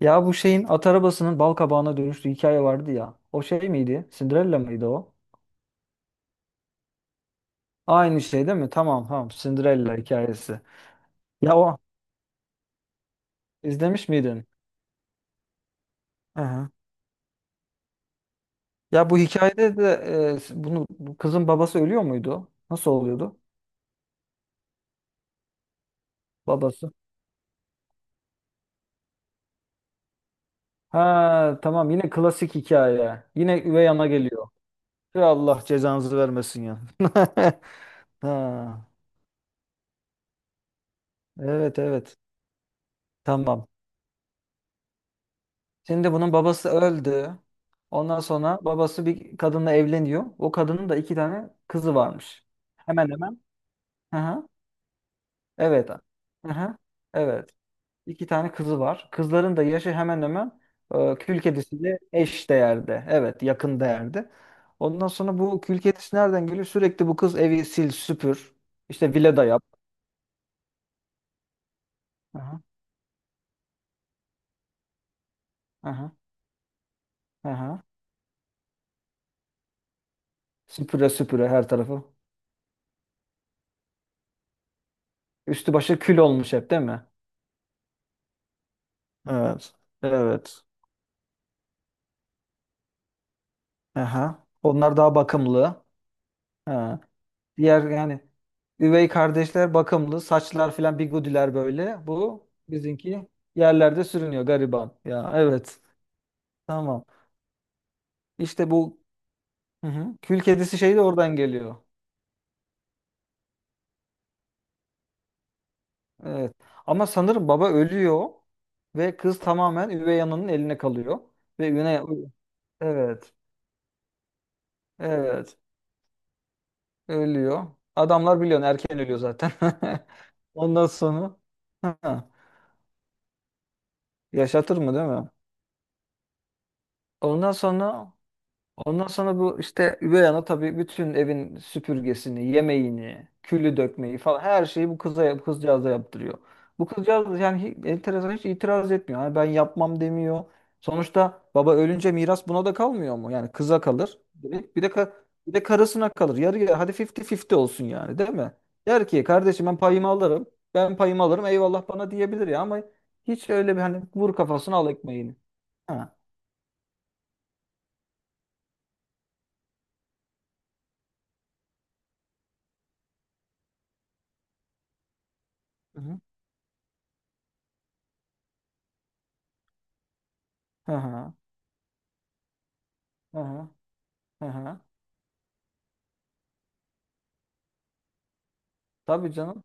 Ya bu şeyin at arabasının bal kabağına dönüştüğü hikaye vardı ya. O şey miydi? Cinderella mıydı o? Aynı şey değil mi? Tamam tamam. Cinderella hikayesi. Ya o izlemiş miydin? Hı hı. Ya bu hikayede de e, bunu bu kızın babası ölüyor muydu? Nasıl oluyordu? Babası. Ha tamam, yine klasik hikaye. Yine üvey ana geliyor. Ya Allah cezanızı vermesin ya. Ha, evet evet. Tamam. Şimdi bunun babası öldü. Ondan sonra babası bir kadınla evleniyor. O kadının da iki tane kızı varmış. Hemen hemen. Hı hı. Evet. Hı hı. Evet. İki tane kızı var. Kızların da yaşı hemen hemen kül kedisiyle eş değerde. Evet, yakın değerde. Ondan sonra bu kül kedisi nereden geliyor? Sürekli bu kız evi sil, süpür. İşte villada yap. Hı hı. Hı hı. Hı hı. Süpüre süpüre her tarafı. Üstü başı kül olmuş hep değil mi? Evet. Evet. Aha. Onlar daha bakımlı. Ha. Diğer yani üvey kardeşler bakımlı. Saçlar filan bigudiler böyle. Bu bizimki yerlerde sürünüyor gariban. Ya evet. Tamam. İşte bu. Hı hı. Kül kedisi şey de oradan geliyor. Evet. Ama sanırım baba ölüyor ve kız tamamen üvey ananın eline kalıyor. Ve üvey Evet. Evet. Ölüyor. Adamlar biliyorsun erken ölüyor zaten. Ondan sonra, ha, yaşatır mı değil mi? Ondan sonra bu işte üvey ana, tabii, bütün evin süpürgesini, yemeğini, külü dökmeyi falan her şeyi bu kızcağıza yaptırıyor. Bu kızcağız yani hiç, enteresan, hiç itiraz etmiyor. Yani ben yapmam demiyor. Sonuçta baba ölünce miras buna da kalmıyor mu? Yani kıza kalır, direkt. Bir de karısına kalır. Yarı yarı, hadi 50-50 olsun yani, değil mi? Der ki kardeşim ben payımı alırım. Ben payımı alırım. Eyvallah bana diyebilir ya, ama hiç öyle bir, hani, vur kafasına al ekmeğini. Ha. Hı hı. Hı hı. Aha, aha. Tabii canım.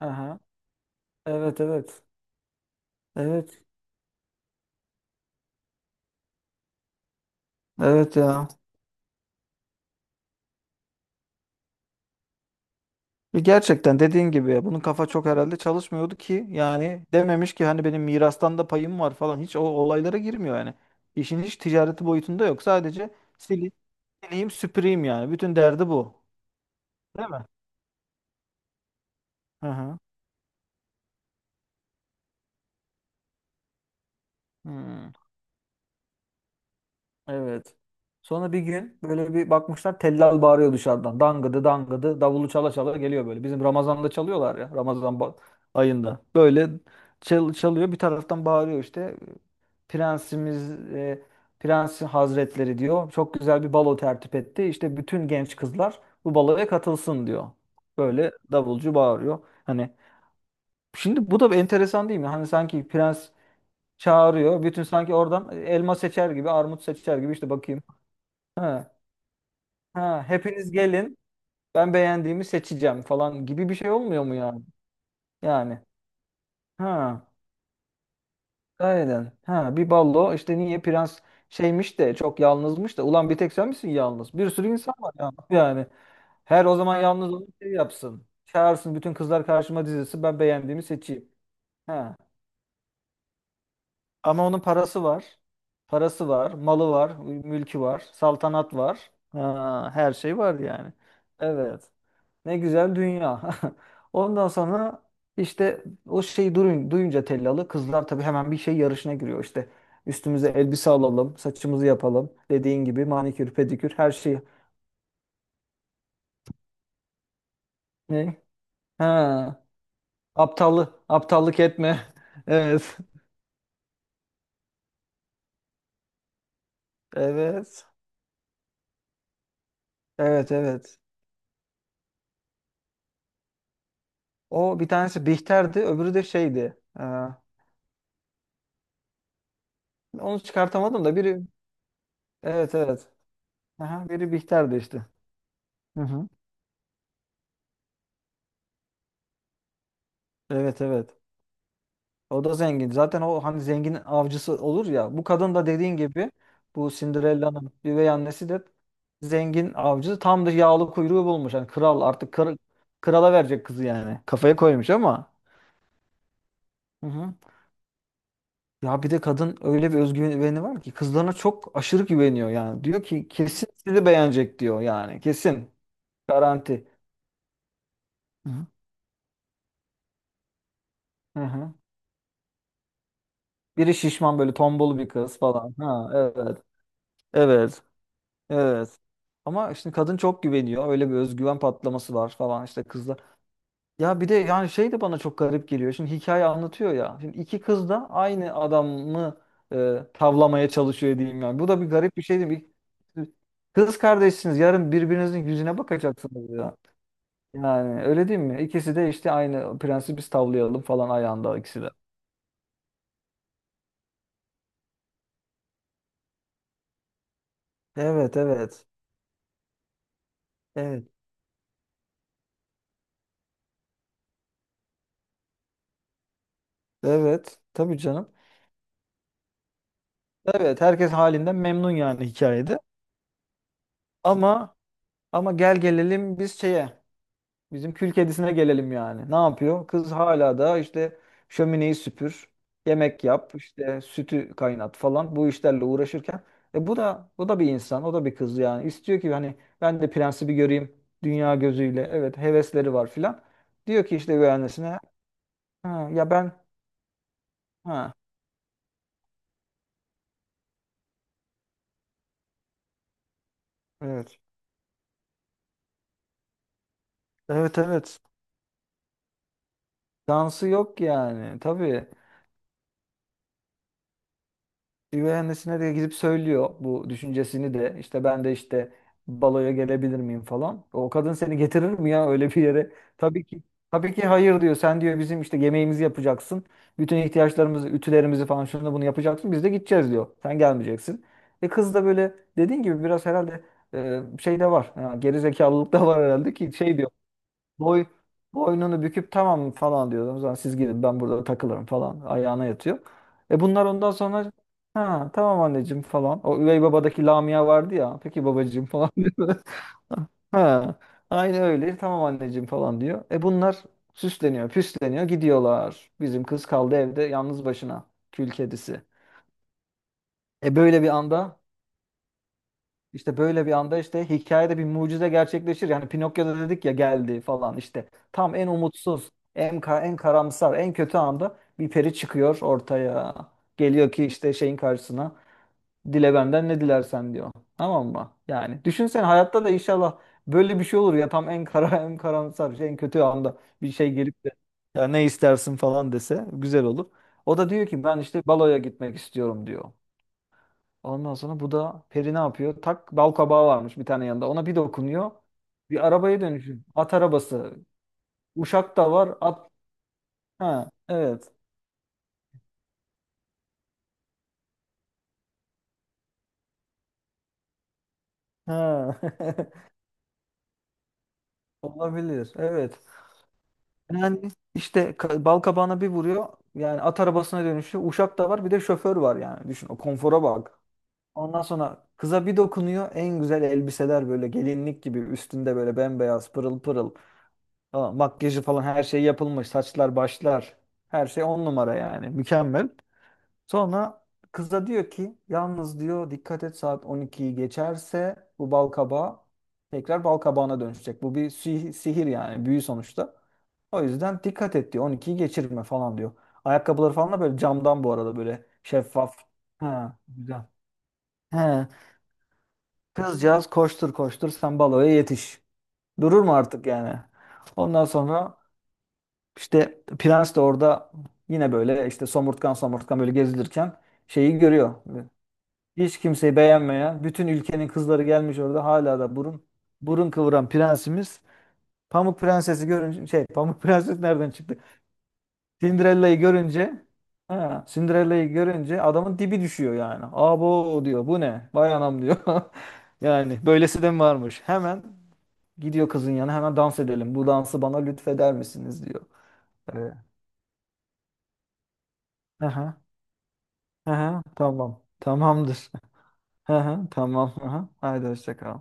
Aha. Evet evet. Evet. Evet ya. Gerçekten, dediğin gibi, ya bunun kafa çok herhalde çalışmıyordu ki. Yani dememiş ki hani benim mirastan da payım var falan. Hiç o olaylara girmiyor yani. İşin hiç ticareti boyutunda yok. Sadece sili- sileyim süpüreyim yani. Bütün derdi bu. Değil mi? Aha. Hmm. Evet. Sonra bir gün böyle bir bakmışlar, tellal bağırıyor dışarıdan. Dangıdı dangıdı davulu çala çala geliyor böyle. Bizim Ramazan'da çalıyorlar ya, Ramazan ayında. Böyle çalıyor bir taraftan, bağırıyor işte. Prensimiz, Prens Hazretleri diyor, çok güzel bir balo tertip etti. İşte bütün genç kızlar bu baloya katılsın diyor. Böyle davulcu bağırıyor. Hani şimdi bu da bir enteresan, değil mi? Hani sanki prens çağırıyor. Bütün, sanki oradan elma seçer gibi, armut seçer gibi, işte bakayım. Ha, ha, hepiniz gelin. Ben beğendiğimi seçeceğim falan gibi bir şey olmuyor mu yani? Yani. Ha, gayeden. Ha, bir ballo işte, niye prens şeymiş de çok yalnızmış da. Ulan bir tek sen misin yalnız? Bir sürü insan var ya. Yani. Her o zaman yalnız onu şey yapsın. Çağırsın bütün kızlar karşıma dizilsin. Ben beğendiğimi seçeyim. Ha. Ama onun parası var. Parası var, malı var, mülkü var, saltanat var. Ha, her şey var yani. Evet. Ne güzel dünya. Ondan sonra işte, o şeyi, duyunca tellalı, kızlar tabii hemen bir şey yarışına giriyor işte. Üstümüze elbise alalım, saçımızı yapalım. Dediğin gibi, manikür, pedikür, her şeyi. Ne? Ha, aptallık etme. Evet. Evet. Evet, evet. O bir tanesi Bihter'di, öbürü de şeydi. Onu çıkartamadım da biri. Evet, evet. Aha, biri Bihter'di işte. Hı hı. Evet, evet. O da zengin. Zaten o, hani, zengin avcısı olur ya. Bu kadın da, dediğin gibi, bu Cinderella'nın üvey annesi de zengin avcı. Tam da yağlı kuyruğu bulmuş. Yani kral, artık kral, krala verecek kızı yani. Kafaya koymuş ama. Hı hı. Ya bir de kadın öyle bir özgüveni var ki, kızlarına çok aşırı güveniyor yani. Diyor ki kesin sizi beğenecek diyor yani. Kesin. Garanti. Hı hı. Hı hı. Biri şişman, böyle tombul bir kız falan. Ha evet. Evet. Evet. Ama işte kadın çok güveniyor. Öyle bir özgüven patlaması var falan işte kızla. Ya bir de yani şey de bana çok garip geliyor. Şimdi hikaye anlatıyor ya. Şimdi iki kız da aynı adamı tavlamaya çalışıyor diyeyim yani. Bu da bir garip bir şey değil mi? Kız kardeşsiniz. Yarın birbirinizin yüzüne bakacaksınız ya. Yani öyle değil mi? İkisi de işte aynı prensi biz tavlayalım falan ayağında ikisi de. Evet evet. Evet. Evet. Tabii canım. Evet. Herkes halinden memnun yani hikayede. Ama Ama gel gelelim biz şeye, bizim kül kedisine gelelim yani. Ne yapıyor? Kız hala da işte şömineyi süpür, yemek yap, işte sütü kaynat falan bu işlerle uğraşırken bu da bir insan, o da bir kız yani. İstiyor ki hani ben de prensi bir göreyim dünya gözüyle. Evet, hevesleri var filan. Diyor ki işte bir annesine, ha, ya ben, ha evet. Evet evet. Dansı yok yani. Tabii. Üvey annesine de gidip söylüyor bu düşüncesini de. İşte ben de, işte, baloya gelebilir miyim falan. O kadın seni getirir mi ya öyle bir yere? Tabii ki. Tabii ki hayır diyor. Sen diyor, bizim işte yemeğimizi yapacaksın. Bütün ihtiyaçlarımızı, ütülerimizi falan, şunu da bunu yapacaksın. Biz de gideceğiz diyor. Sen gelmeyeceksin. Kız da böyle, dediğin gibi, biraz herhalde şey de var. Ha, geri da var herhalde ki şey diyor. Boy, Boynunu büküp tamam falan diyordum. O zaman siz gidin, ben burada takılırım falan. Ayağına yatıyor. Bunlar ondan sonra, ha, tamam anneciğim falan. O üvey babadaki Lamia vardı ya. Peki babacığım falan. diyor. Ha, aynı öyle tamam anneciğim falan diyor. Bunlar süsleniyor püsleniyor gidiyorlar. Bizim kız kaldı evde yalnız başına. Kül kedisi. E böyle bir anda İşte böyle bir anda işte hikayede bir mucize gerçekleşir. Yani Pinokyo'da dedik ya, geldi falan işte. Tam en umutsuz, en karamsar, en kötü anda bir peri çıkıyor ortaya. Geliyor ki işte şeyin karşısına, dile benden ne dilersen diyor. Tamam mı? Yani düşünsen hayatta da inşallah böyle bir şey olur ya, tam en kara en karamsar şey, en kötü anda bir şey gelip de ya ne istersin falan dese güzel olur. O da diyor ki ben işte baloya gitmek istiyorum diyor. Ondan sonra bu da peri ne yapıyor? Tak, bal kabağı varmış bir tane yanında. Ona bir dokunuyor. Bir arabaya dönüşüyor. At arabası. Uşak da var. At. Ha, evet. Ha. Olabilir. Evet. Yani işte bal kabağına bir vuruyor. Yani at arabasına dönüşüyor. Uşak da var. Bir de şoför var yani. Düşün o konfora bak. Ondan sonra kıza bir dokunuyor. En güzel elbiseler böyle, gelinlik gibi üstünde, böyle bembeyaz, pırıl pırıl. Tamam, makyajı falan her şey yapılmış. Saçlar, başlar. Her şey on numara yani. Mükemmel. Sonra kız da diyor ki, yalnız diyor, dikkat et, saat 12'yi geçerse bu bal kabağı tekrar bal kabağına dönüşecek. Bu bir sihir yani, büyü sonuçta. O yüzden dikkat et diyor, 12'yi geçirme falan diyor. Ayakkabıları falan da böyle camdan, bu arada, böyle şeffaf. Ha, güzel. He, kızcağız koştur koştur sen baloya yetiş. Durur mu artık yani? Ondan sonra İşte prens de orada, yine böyle işte somurtkan somurtkan böyle gezilirken, şeyi görüyor. Hiç kimseyi beğenmeyen, bütün ülkenin kızları gelmiş orada hala da burun burun kıvıran prensimiz, Pamuk Prensesi görünce, şey, Pamuk Prenses nereden çıktı? Cinderella'yı görünce ha, Cinderella'yı görünce adamın dibi düşüyor yani. Abo diyor, bu ne? Vay anam diyor. Yani böylesi de mi varmış? Hemen gidiyor kızın yanına, hemen dans edelim, bu dansı bana lütfeder misiniz diyor. Evet. Aha. Aha, tamam. Tamamdır. Aha, tamam. Aha. Haydi hoşça kal.